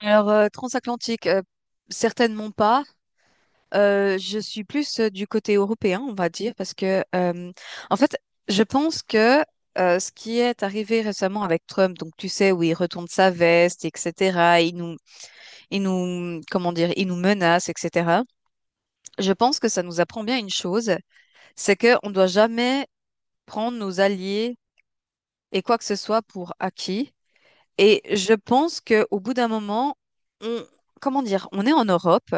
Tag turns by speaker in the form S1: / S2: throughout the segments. S1: Transatlantique, certainement pas. Je suis plus du côté européen, on va dire, parce que, en fait, je pense que ce qui est arrivé récemment avec Trump, donc tu sais, où il retourne sa veste, etc., il nous, comment dire, il nous menace, etc., je pense que ça nous apprend bien une chose, c'est que on doit jamais prendre nos alliés et quoi que ce soit pour acquis. Et je pense que au bout d'un moment, on, comment dire, on est en Europe.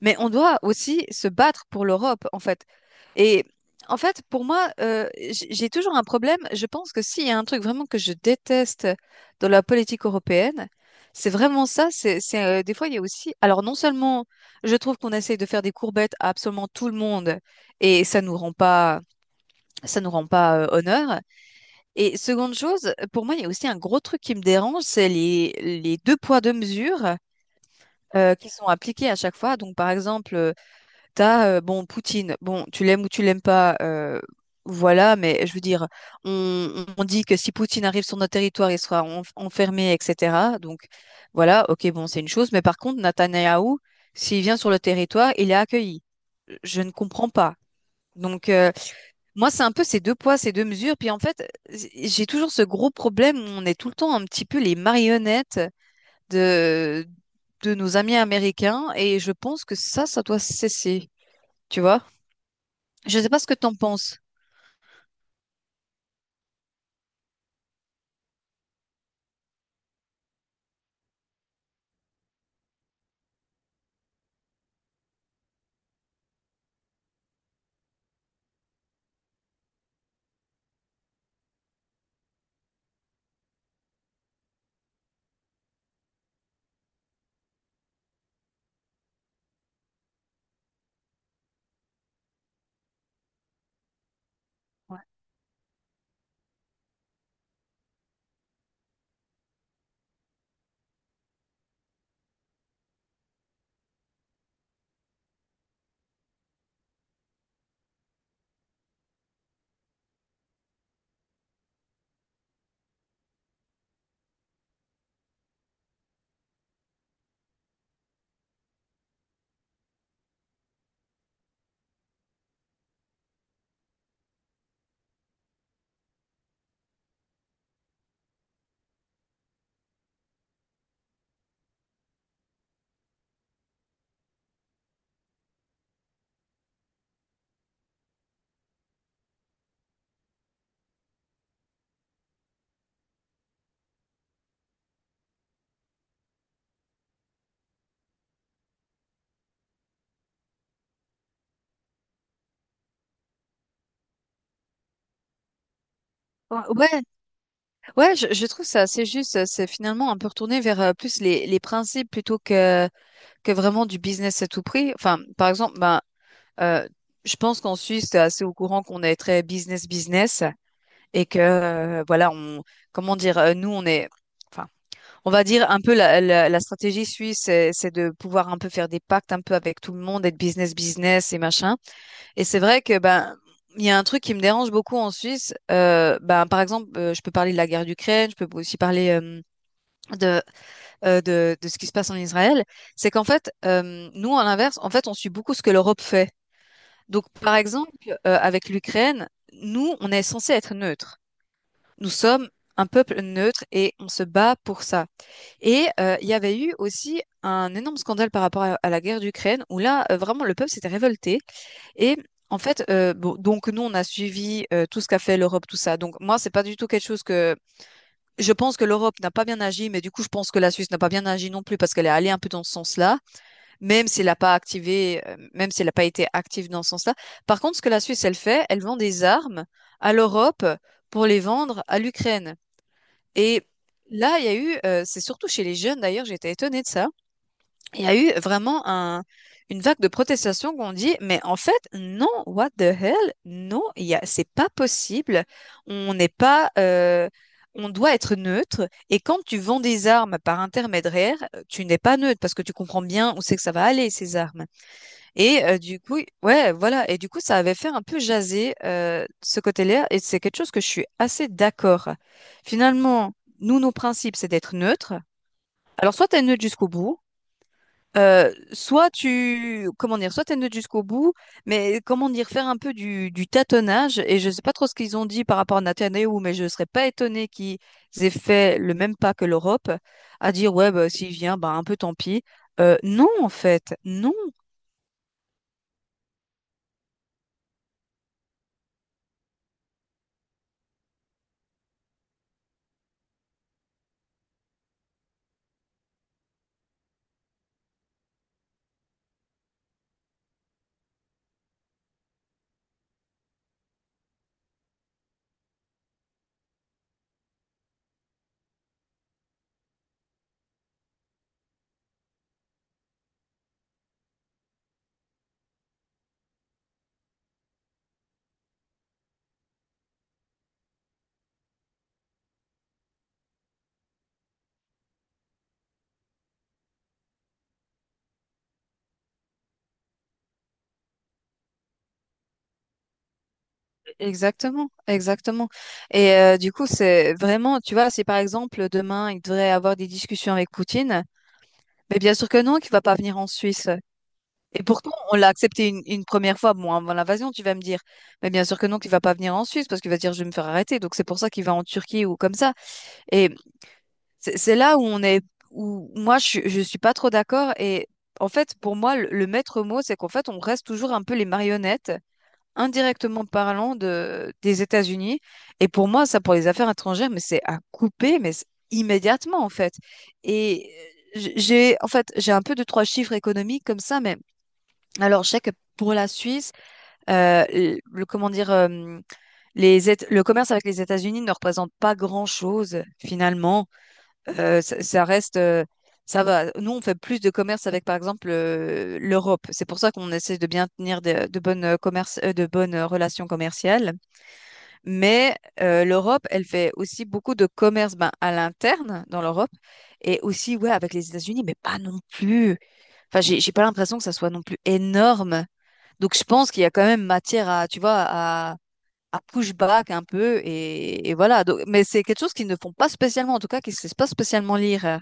S1: Mais on doit aussi se battre pour l'Europe, en fait. Et en fait, pour moi, j'ai toujours un problème. Je pense que s'il y a un truc vraiment que je déteste dans la politique européenne, c'est vraiment ça. C'est des fois, il y a aussi. Alors, non seulement je trouve qu'on essaye de faire des courbettes à absolument tout le monde et ça nous rend pas, ça nous rend pas honneur. Et seconde chose, pour moi, il y a aussi un gros truc qui me dérange, c'est les deux poids deux mesures qui sont appliqués à chaque fois. Donc, par exemple, t'as, bon, Poutine, bon, tu l'aimes ou tu l'aimes pas, voilà, mais je veux dire, on dit que si Poutine arrive sur notre territoire, il sera enfermé, etc. Donc, voilà, ok, bon, c'est une chose, mais par contre, Netanyahou, s'il vient sur le territoire, il est accueilli. Je ne comprends pas. Donc, moi, c'est un peu ces deux poids, ces deux mesures. Puis, en fait, j'ai toujours ce gros problème où on est tout le temps un petit peu les marionnettes de, de nos amis américains, et je pense que ça doit cesser, tu vois? Je sais pas ce que t'en penses. Ouais, ouais, ouais, je trouve ça assez juste. C'est finalement un peu retourné vers plus les principes plutôt que vraiment du business à tout prix. Enfin, par exemple, ben, euh, je pense qu'en Suisse, t'es assez au courant qu'on est très business business et que voilà, on, comment dire, nous on est, enfin, on va dire un peu la stratégie suisse, c'est de pouvoir un peu faire des pactes un peu avec tout le monde, être business business et machin. Et c'est vrai que ben il y a un truc qui me dérange beaucoup en Suisse. Ben par exemple, je peux parler de la guerre d'Ukraine, je peux aussi parler de, de ce qui se passe en Israël. C'est qu'en fait, nous à l'inverse, en fait, on suit beaucoup ce que l'Europe fait. Donc par exemple, avec l'Ukraine, nous on est censé être neutre. Nous sommes un peuple neutre et on se bat pour ça. Et il y avait eu aussi un énorme scandale par rapport à la guerre d'Ukraine où là vraiment le peuple s'était révolté et en fait, bon, donc nous, on a suivi tout ce qu'a fait l'Europe, tout ça. Donc moi, c'est pas du tout quelque chose que je pense que l'Europe n'a pas bien agi, mais du coup, je pense que la Suisse n'a pas bien agi non plus parce qu'elle est allée un peu dans ce sens-là, même si elle n'a pas activé, même si elle n'a pas été active dans ce sens-là. Par contre, ce que la Suisse, elle fait, elle vend des armes à l'Europe pour les vendre à l'Ukraine. Et là, il y a eu, c'est surtout chez les jeunes d'ailleurs, j'étais étonnée de ça il y a eu vraiment une vague de protestations qu'on dit, mais en fait, non, what the hell, non, c'est pas possible. On n'est pas, on doit être neutre. Et quand tu vends des armes par intermédiaire, tu n'es pas neutre parce que tu comprends bien où c'est que ça va aller ces armes. Et du coup, ouais, voilà. Et du coup, ça avait fait un peu jaser ce côté-là. Et c'est quelque chose que je suis assez d'accord. Finalement, nous, nos principes, c'est d'être neutre. Alors, soit tu es neutre jusqu'au bout. Soit tu, comment dire, soit t'es jusqu'au bout, mais comment dire, faire un peu du tâtonnage. Et je sais pas trop ce qu'ils ont dit par rapport à Netanyahou, mais je serais pas étonnée qu'ils aient fait le même pas que l'Europe, à dire ouais, bah, s'il vient, bah, un peu tant pis. Non, en fait, non, exactement, exactement. Et du coup, c'est vraiment, tu vois, si par exemple demain il devrait avoir des discussions avec Poutine, mais bien sûr que non, qu'il va pas venir en Suisse. Et pourtant, on l'a accepté une première fois, bon, avant l'invasion, tu vas me dire. Mais bien sûr que non, qu'il va pas venir en Suisse parce qu'il va dire je vais me faire arrêter. Donc c'est pour ça qu'il va en Turquie ou comme ça. Et c'est là où on est, où moi je suis pas trop d'accord. Et en fait, pour moi, le maître mot, c'est qu'en fait, on reste toujours un peu les marionnettes, indirectement parlant des États-Unis. Et pour moi, ça, pour les affaires étrangères, mais c'est à couper, mais c'est immédiatement en fait. Et j'ai, en fait, j'ai un peu de trois chiffres économiques comme ça, mais alors, je sais que pour la Suisse, le- comment dire, les, Éta- le commerce avec les États-Unis ne représente pas grand-chose finalement. Ça reste, ça va. Nous, on fait plus de commerce avec, par exemple, l'Europe. C'est pour ça qu'on essaie de bien tenir de bonnes de bonnes relations commerciales. Mais l'Europe, elle fait aussi beaucoup de commerce, ben, à l'interne dans l'Europe et aussi, ouais, avec les États-Unis, mais pas non plus. Enfin, j'ai pas l'impression que ça soit non plus énorme. Donc je pense qu'il y a quand même matière à, à push back un peu et voilà. Donc, mais c'est quelque chose qu'ils ne font pas spécialement, en tout cas, qu'ils ne se laissent pas spécialement lire.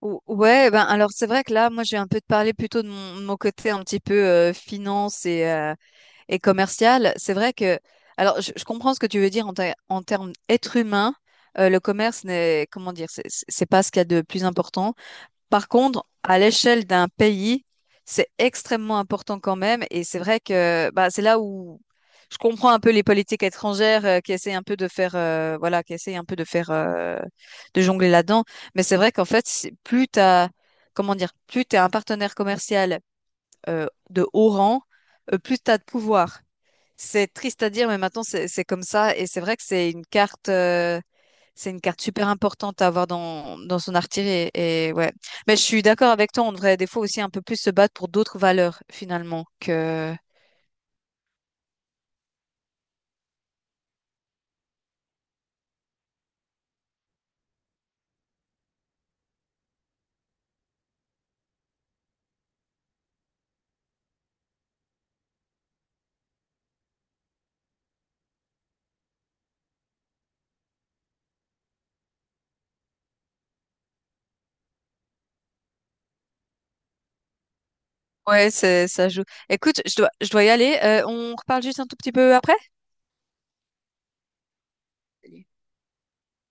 S1: Ouais, ben alors c'est vrai que là, moi, j'ai un peu parlé plutôt de mon côté un petit peu finance et et commercial. C'est vrai que, alors, je comprends ce que tu veux dire en termes être humain. Le commerce n'est, comment dire, c'est pas ce qu'il y a de plus important. Par contre, à l'échelle d'un pays, c'est extrêmement important quand même. Et c'est vrai que bah, c'est là où je comprends un peu les politiques étrangères qui essayent un peu de faire, voilà, qui essayent un peu de faire, de jongler là-dedans. Mais c'est vrai qu'en fait, c'est- plus t'as, comment dire, plus t'es un partenaire commercial de haut rang, plus t'as de pouvoir. C'est triste à dire, mais maintenant c'est comme ça. Et c'est vrai que c'est une carte. C'est une carte super importante à avoir dans, dans son artillerie. Et ouais. Mais je suis d'accord avec toi, on devrait des fois aussi un peu plus se battre pour d'autres valeurs, finalement, que... Ouais, c'est, ça joue. Écoute, je dois y aller. On reparle juste un tout petit peu après?